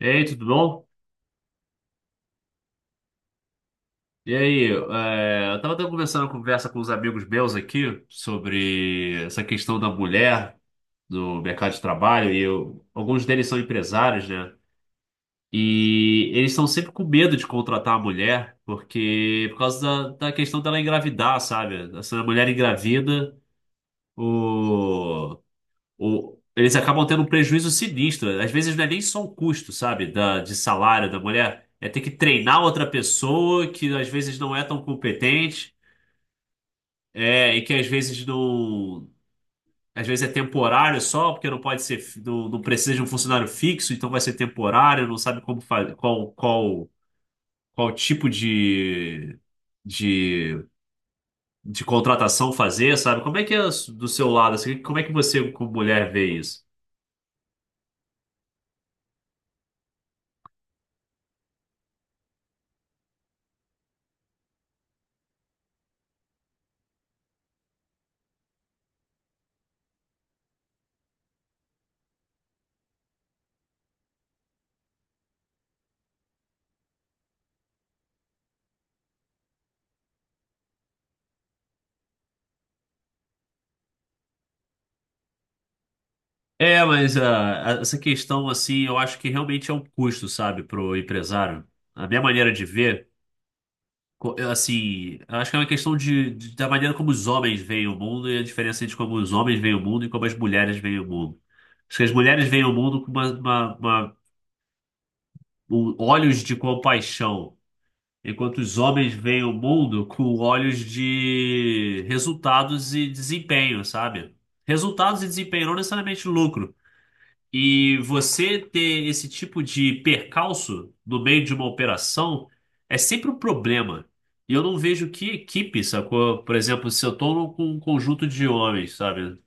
E aí, tudo bom? E aí, eu tava até conversando uma conversa com os amigos meus aqui sobre essa questão da mulher no mercado de trabalho, e alguns deles são empresários, né? E eles estão sempre com medo de contratar a mulher, porque por causa da questão dela engravidar, sabe? Se a mulher engravida, eles acabam tendo um prejuízo sinistro. Às vezes não é nem só o custo, sabe, da, de salário da mulher. É ter que treinar outra pessoa que às vezes não é tão competente, e que às vezes não. Às vezes é temporário só, porque não pode ser, não precisa de um funcionário fixo, então vai ser temporário, não sabe como fazer, qual tipo de, de contratação fazer, sabe? Como é que é do seu lado, assim, como é que você, como mulher, vê isso? É, mas essa questão, assim, eu acho que realmente é um custo, sabe, pro empresário. A minha maneira de ver, eu, assim, eu acho que é uma questão de, da maneira como os homens veem o mundo e a diferença entre como os homens veem o mundo e como as mulheres veem o mundo. Acho que as mulheres veem o mundo com olhos de compaixão, enquanto os homens veem o mundo com olhos de resultados e desempenho, sabe? Resultados e desempenho, não necessariamente lucro. E você ter esse tipo de percalço no meio de uma operação é sempre um problema. E eu não vejo que equipe, sacou? Por exemplo, se eu estou com um conjunto de homens, sabe?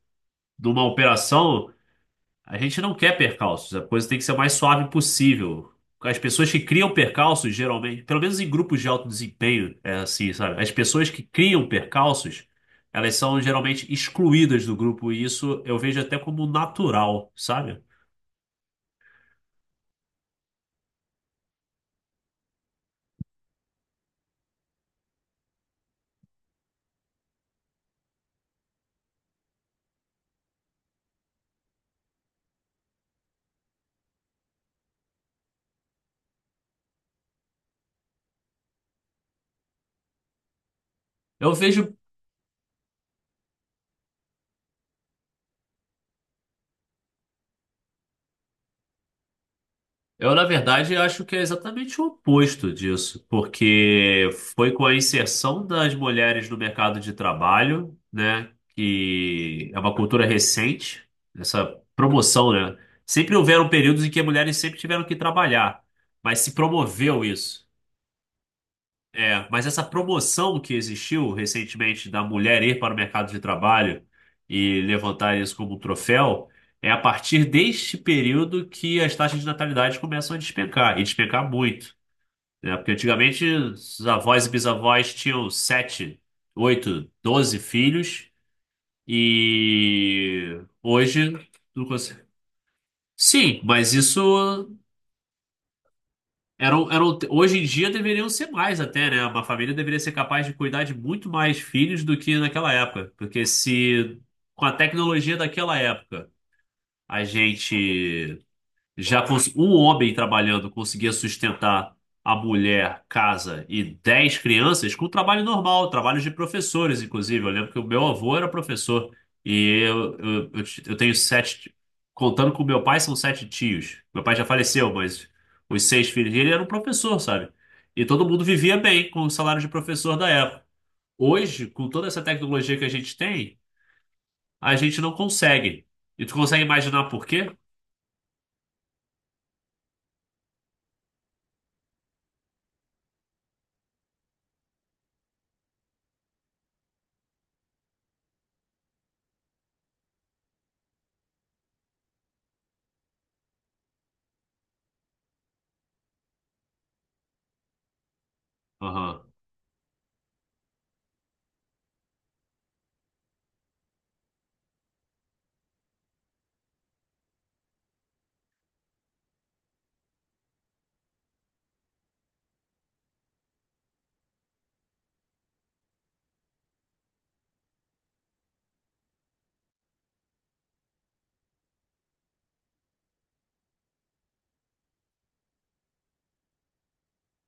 Numa operação, a gente não quer percalços. A coisa tem que ser o mais suave possível. As pessoas que criam percalços, geralmente, pelo menos em grupos de alto desempenho, é assim, sabe? As pessoas que criam percalços, elas são geralmente excluídas do grupo. E isso eu vejo até como natural, sabe? Eu vejo Eu, na verdade, acho que é exatamente o oposto disso, porque foi com a inserção das mulheres no mercado de trabalho, né, que é uma cultura recente, essa promoção, né? Sempre houveram períodos em que as mulheres sempre tiveram que trabalhar, mas se promoveu isso. É, mas essa promoção que existiu recentemente da mulher ir para o mercado de trabalho e levantar isso como um troféu, é a partir deste período que as taxas de natalidade começam a despencar, e despencar muito, né? Porque antigamente os avós e bisavós tinham 7, 8, 12 filhos e hoje não consegue. Sim, mas isso. Eram, hoje em dia deveriam ser mais até, né? Uma família deveria ser capaz de cuidar de muito mais filhos do que naquela época. Porque se com a tecnologia daquela época a gente já cons- um homem trabalhando conseguia sustentar a mulher, casa e 10 crianças com trabalho normal, trabalho de professores, inclusive. Eu lembro que o meu avô era professor e eu tenho sete, contando com meu pai, são sete tios. Meu pai já faleceu, mas os seis filhos dele eram professor, sabe? E todo mundo vivia bem com o salário de professor da época. Hoje, com toda essa tecnologia que a gente tem, a gente não consegue. E tu consegue imaginar por quê? Aham,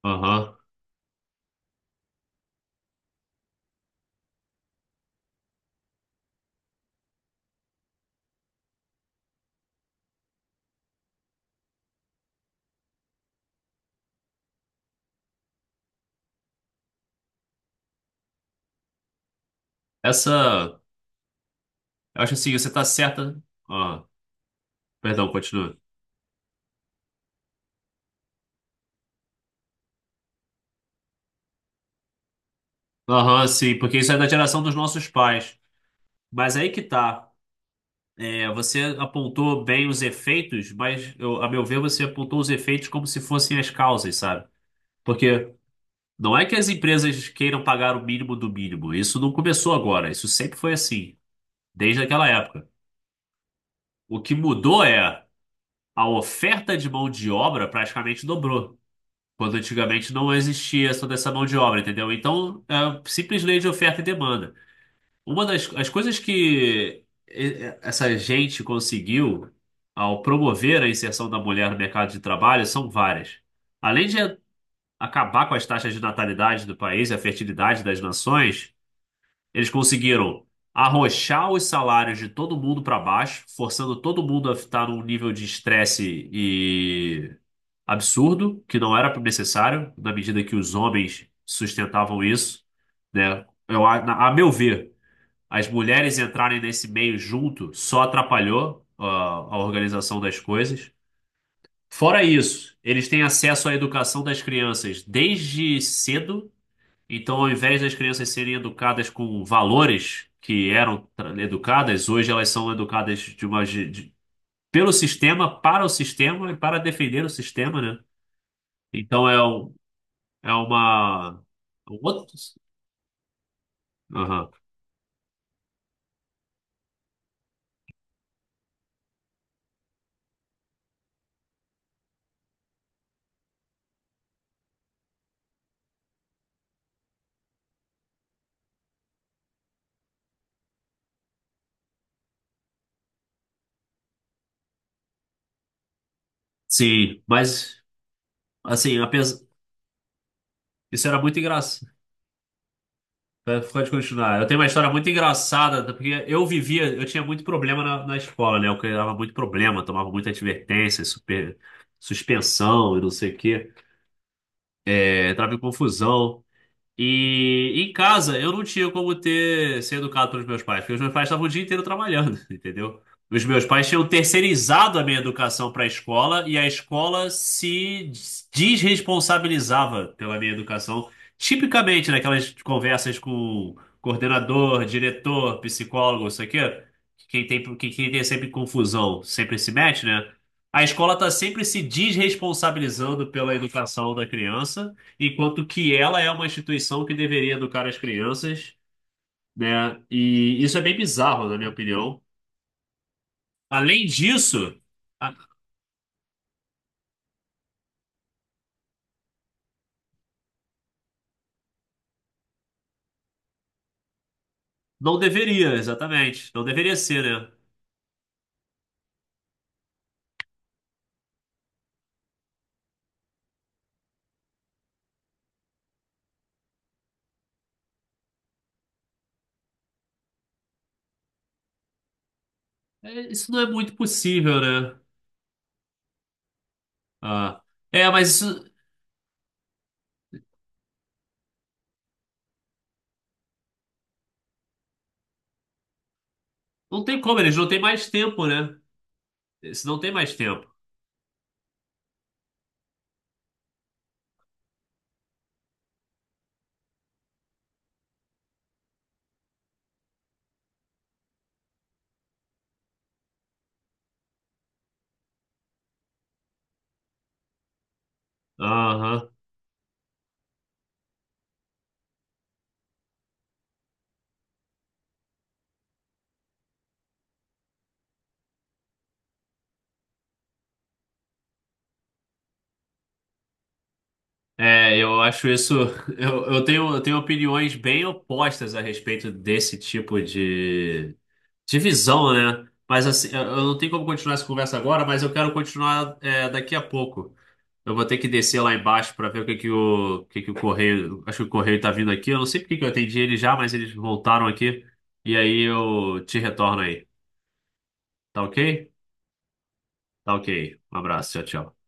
aham. Essa. Eu acho assim, você tá certa. Ah, perdão, continua. Aham, sim, porque isso é da geração dos nossos pais. Mas aí que tá. É, você apontou bem os efeitos, mas a meu ver, você apontou os efeitos como se fossem as causas, sabe? Porque não é que as empresas queiram pagar o mínimo do mínimo. Isso não começou agora. Isso sempre foi assim, desde aquela época. O que mudou é a oferta de mão de obra praticamente dobrou. Quando antigamente não existia toda essa mão de obra, entendeu? Então, é a simples lei de oferta e demanda. Uma das as coisas que essa gente conseguiu ao promover a inserção da mulher no mercado de trabalho são várias. Além de acabar com as taxas de natalidade do país e a fertilidade das nações, eles conseguiram arrochar os salários de todo mundo para baixo, forçando todo mundo a estar num nível de estresse absurdo, que não era necessário, na medida que os homens sustentavam isso, né? A meu ver, as mulheres entrarem nesse meio junto só atrapalhou a organização das coisas. Fora isso, eles têm acesso à educação das crianças desde cedo, então ao invés das crianças serem educadas com valores que eram educadas, hoje elas são educadas de uma, ge- de- pelo sistema, para o sistema e para defender o sistema, né? Então é um. É uma. Outros. Aham. Sim, mas assim, apesar, isso era muito engraçado. Pode continuar. Eu tenho uma história muito engraçada, porque eu tinha muito problema na escola, né? Eu criava muito problema, tomava muita advertência, super, suspensão e não sei o quê. É, entrava em confusão. E em casa eu não tinha como ter ser educado pelos meus pais, porque os meus pais estavam o dia inteiro trabalhando, entendeu? Os meus pais tinham terceirizado a minha educação para a escola e a escola se desresponsabilizava pela minha educação, tipicamente naquelas conversas com coordenador, diretor, psicólogo, isso aqui, que quem tem sempre confusão, sempre se mete, né? A escola está sempre se desresponsabilizando pela educação da criança. Enquanto que ela é uma instituição que deveria educar as crianças, né? E isso é bem bizarro, na minha opinião. Além disso, a- não deveria, exatamente. Não deveria ser, né? É, isso não é muito possível, né? Ah, é, mas isso não tem como, eles não têm mais tempo, né? Eles não têm mais tempo. Aham. É, eu acho isso. Eu tenho opiniões bem opostas a respeito desse tipo de divisão, né? Mas assim, eu não tenho como continuar essa conversa agora, mas eu quero continuar daqui a pouco. Eu vou ter que descer lá embaixo para ver o que que o correio. Acho que o correio tá vindo aqui. Eu não sei por que que eu atendi ele já, mas eles voltaram aqui. E aí eu te retorno aí. Tá, OK? Tá, OK. Um abraço. Tchau, tchau.